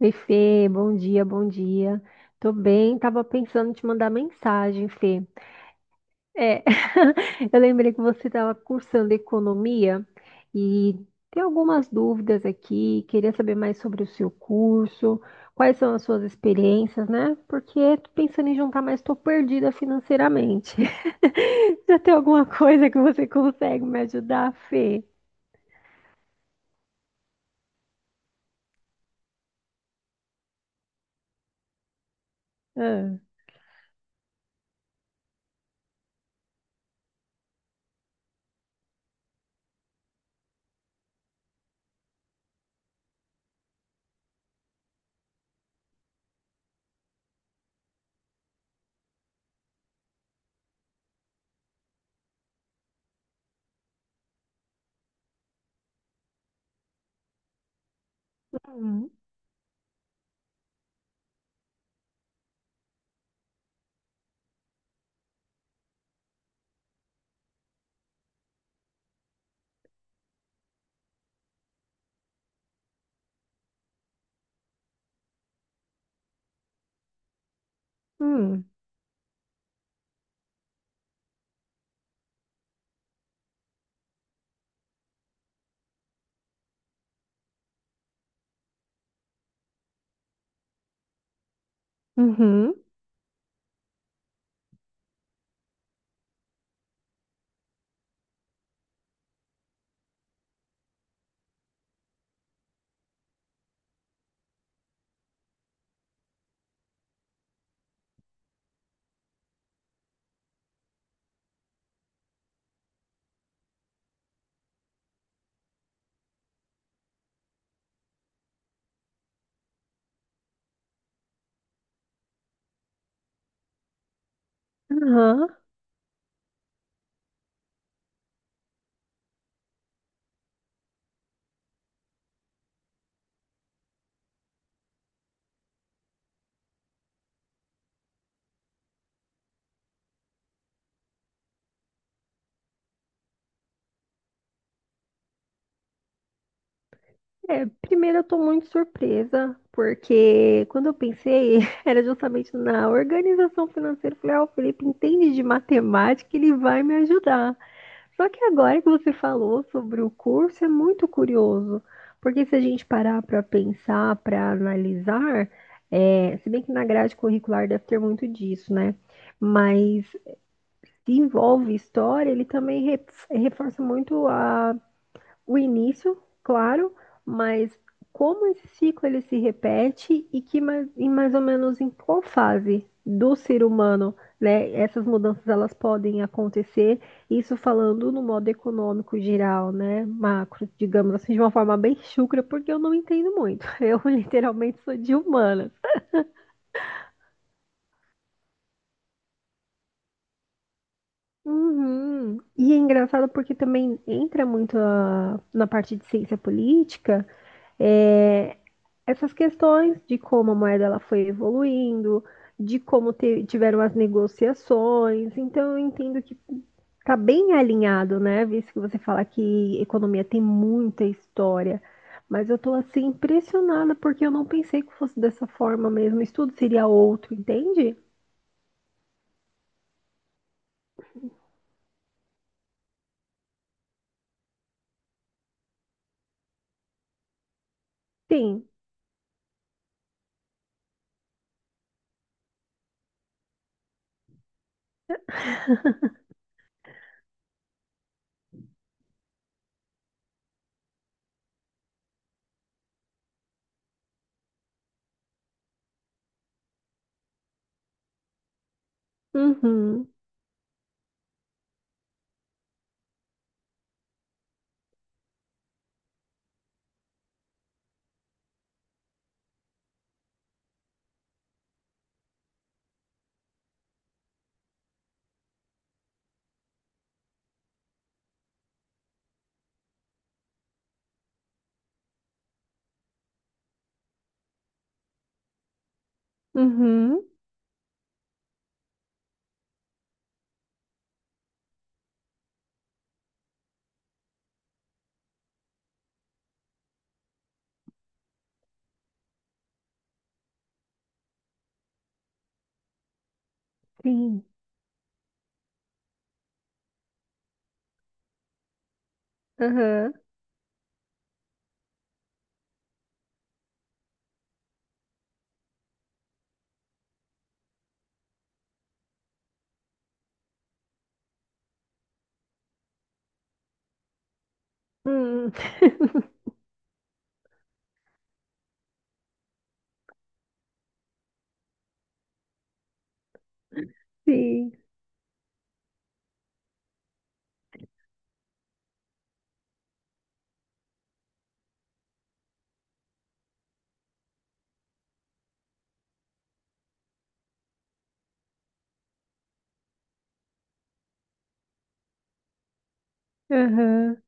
Oi, Fê, bom dia, bom dia. Tô bem, tava pensando em te mandar mensagem, Fê. É, eu lembrei que você estava cursando economia e tem algumas dúvidas aqui, queria saber mais sobre o seu curso, quais são as suas experiências, né? Porque tô pensando em juntar, mas tô perdida financeiramente. Já tem alguma coisa que você consegue me ajudar, Fê? Ah. Hum, hum. Uhum. Aham. É, primeiro eu tô muito surpresa, porque quando eu pensei, era justamente na organização financeira. Eu falei, ah, o Felipe entende de matemática, ele vai me ajudar. Só que agora que você falou sobre o curso, é muito curioso, porque se a gente parar para pensar, para analisar, é, se bem que na grade curricular deve ter muito disso, né? Mas se envolve história, ele também reforça muito a o início, claro, mas como esse ciclo ele se repete e que mais, e mais ou menos em qual fase do ser humano, né, essas mudanças elas podem acontecer, isso falando no modo econômico geral, né, macro, digamos assim, de uma forma bem chucra, porque eu não entendo muito. Eu literalmente sou de humanas. Uhum. E é engraçado porque também entra muito na parte de ciência política, é, essas questões de como a moeda ela foi evoluindo, de como tiveram as negociações. Então, eu entendo que está bem alinhado, né? Visto que você fala que economia tem muita história. Mas eu estou assim impressionada porque eu não pensei que fosse dessa forma mesmo. O estudo seria outro, entende? Sim. Uhum. Uhum. Sim. Aham. Uhum. Sim. Aham.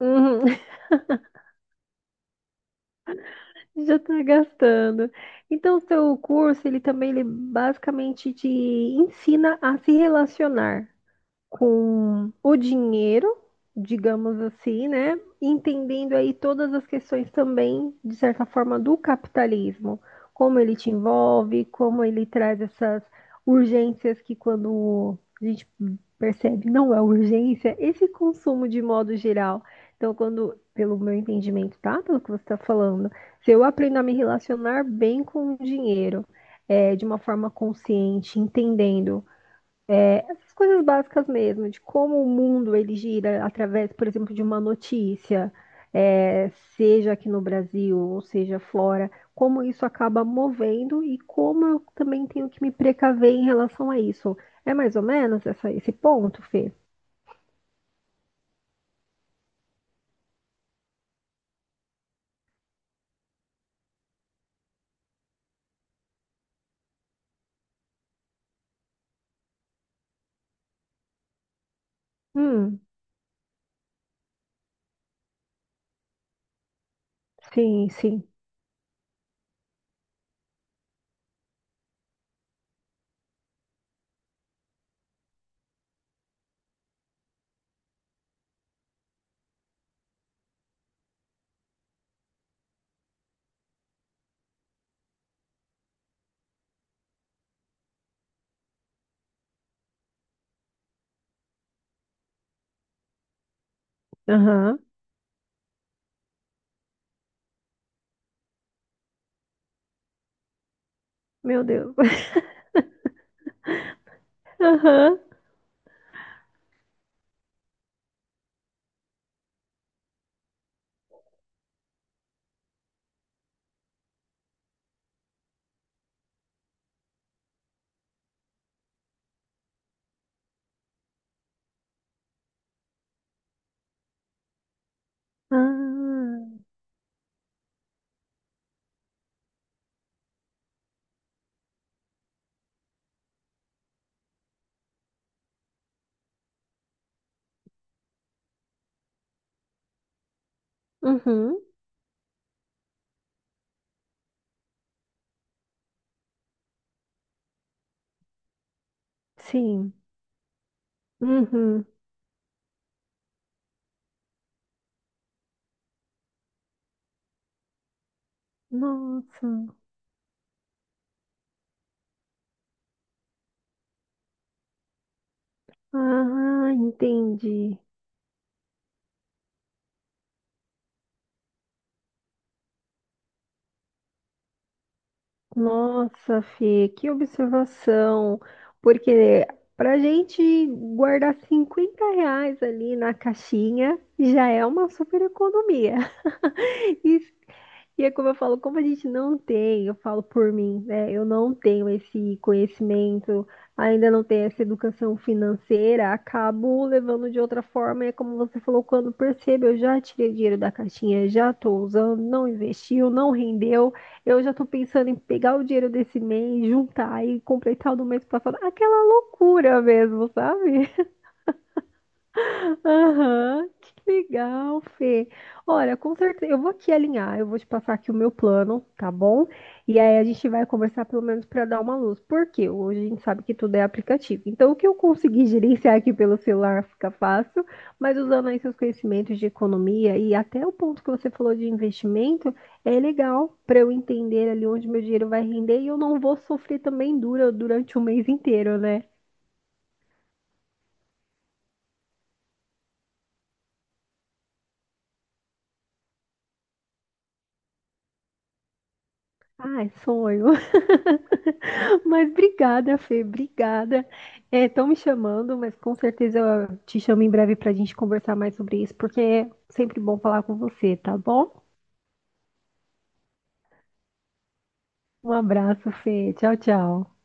Uhum. Já está gastando. Então, o seu curso, ele também ele basicamente te ensina a se relacionar com o dinheiro, digamos assim, né? Entendendo aí todas as questões também, de certa forma, do capitalismo, como ele te envolve, como ele traz essas urgências que quando a gente percebe? Não é urgência, esse consumo de modo geral. Então, quando, pelo meu entendimento, tá? Pelo que você está falando, se eu aprendo a me relacionar bem com o dinheiro, é, de uma forma consciente, entendendo essas coisas básicas mesmo, de como o mundo ele gira através, por exemplo, de uma notícia, é, seja aqui no Brasil ou seja fora, como isso acaba movendo e como eu também tenho que me precaver em relação a isso. É mais ou menos esse ponto, Fê? Hum, sim, sim. Aham. Meu Deus. Aham. Ah. Uhum. Sim. Uhum. Nossa. Ah, entendi. Nossa, Fê, que observação. Porque pra gente guardar R$ 50 ali na caixinha já é uma super economia. E E é como eu falo, como a gente não tem, eu falo por mim, né? Eu não tenho esse conhecimento, ainda não tenho essa educação financeira, acabo levando de outra forma. E é como você falou, quando percebo, eu já tirei dinheiro da caixinha, já estou usando, não investiu, não rendeu. Eu já estou pensando em pegar o dinheiro desse mês, juntar e completar o do mês passado. Aquela loucura mesmo, sabe? Aham, que legal, Fê. Olha, com certeza, eu vou aqui alinhar, eu vou te passar aqui o meu plano, tá bom? E aí a gente vai conversar pelo menos para dar uma luz, porque hoje a gente sabe que tudo é aplicativo. Então, o que eu consegui gerenciar aqui pelo celular fica fácil, mas usando aí seus conhecimentos de economia e até o ponto que você falou de investimento, é legal para eu entender ali onde meu dinheiro vai render e eu não vou sofrer também durante o mês inteiro, né? Ai, sonho. Mas obrigada, Fê, obrigada. Estão me chamando, mas com certeza eu te chamo em breve para a gente conversar mais sobre isso, porque é sempre bom falar com você, tá bom? Um abraço, Fê. Tchau, tchau.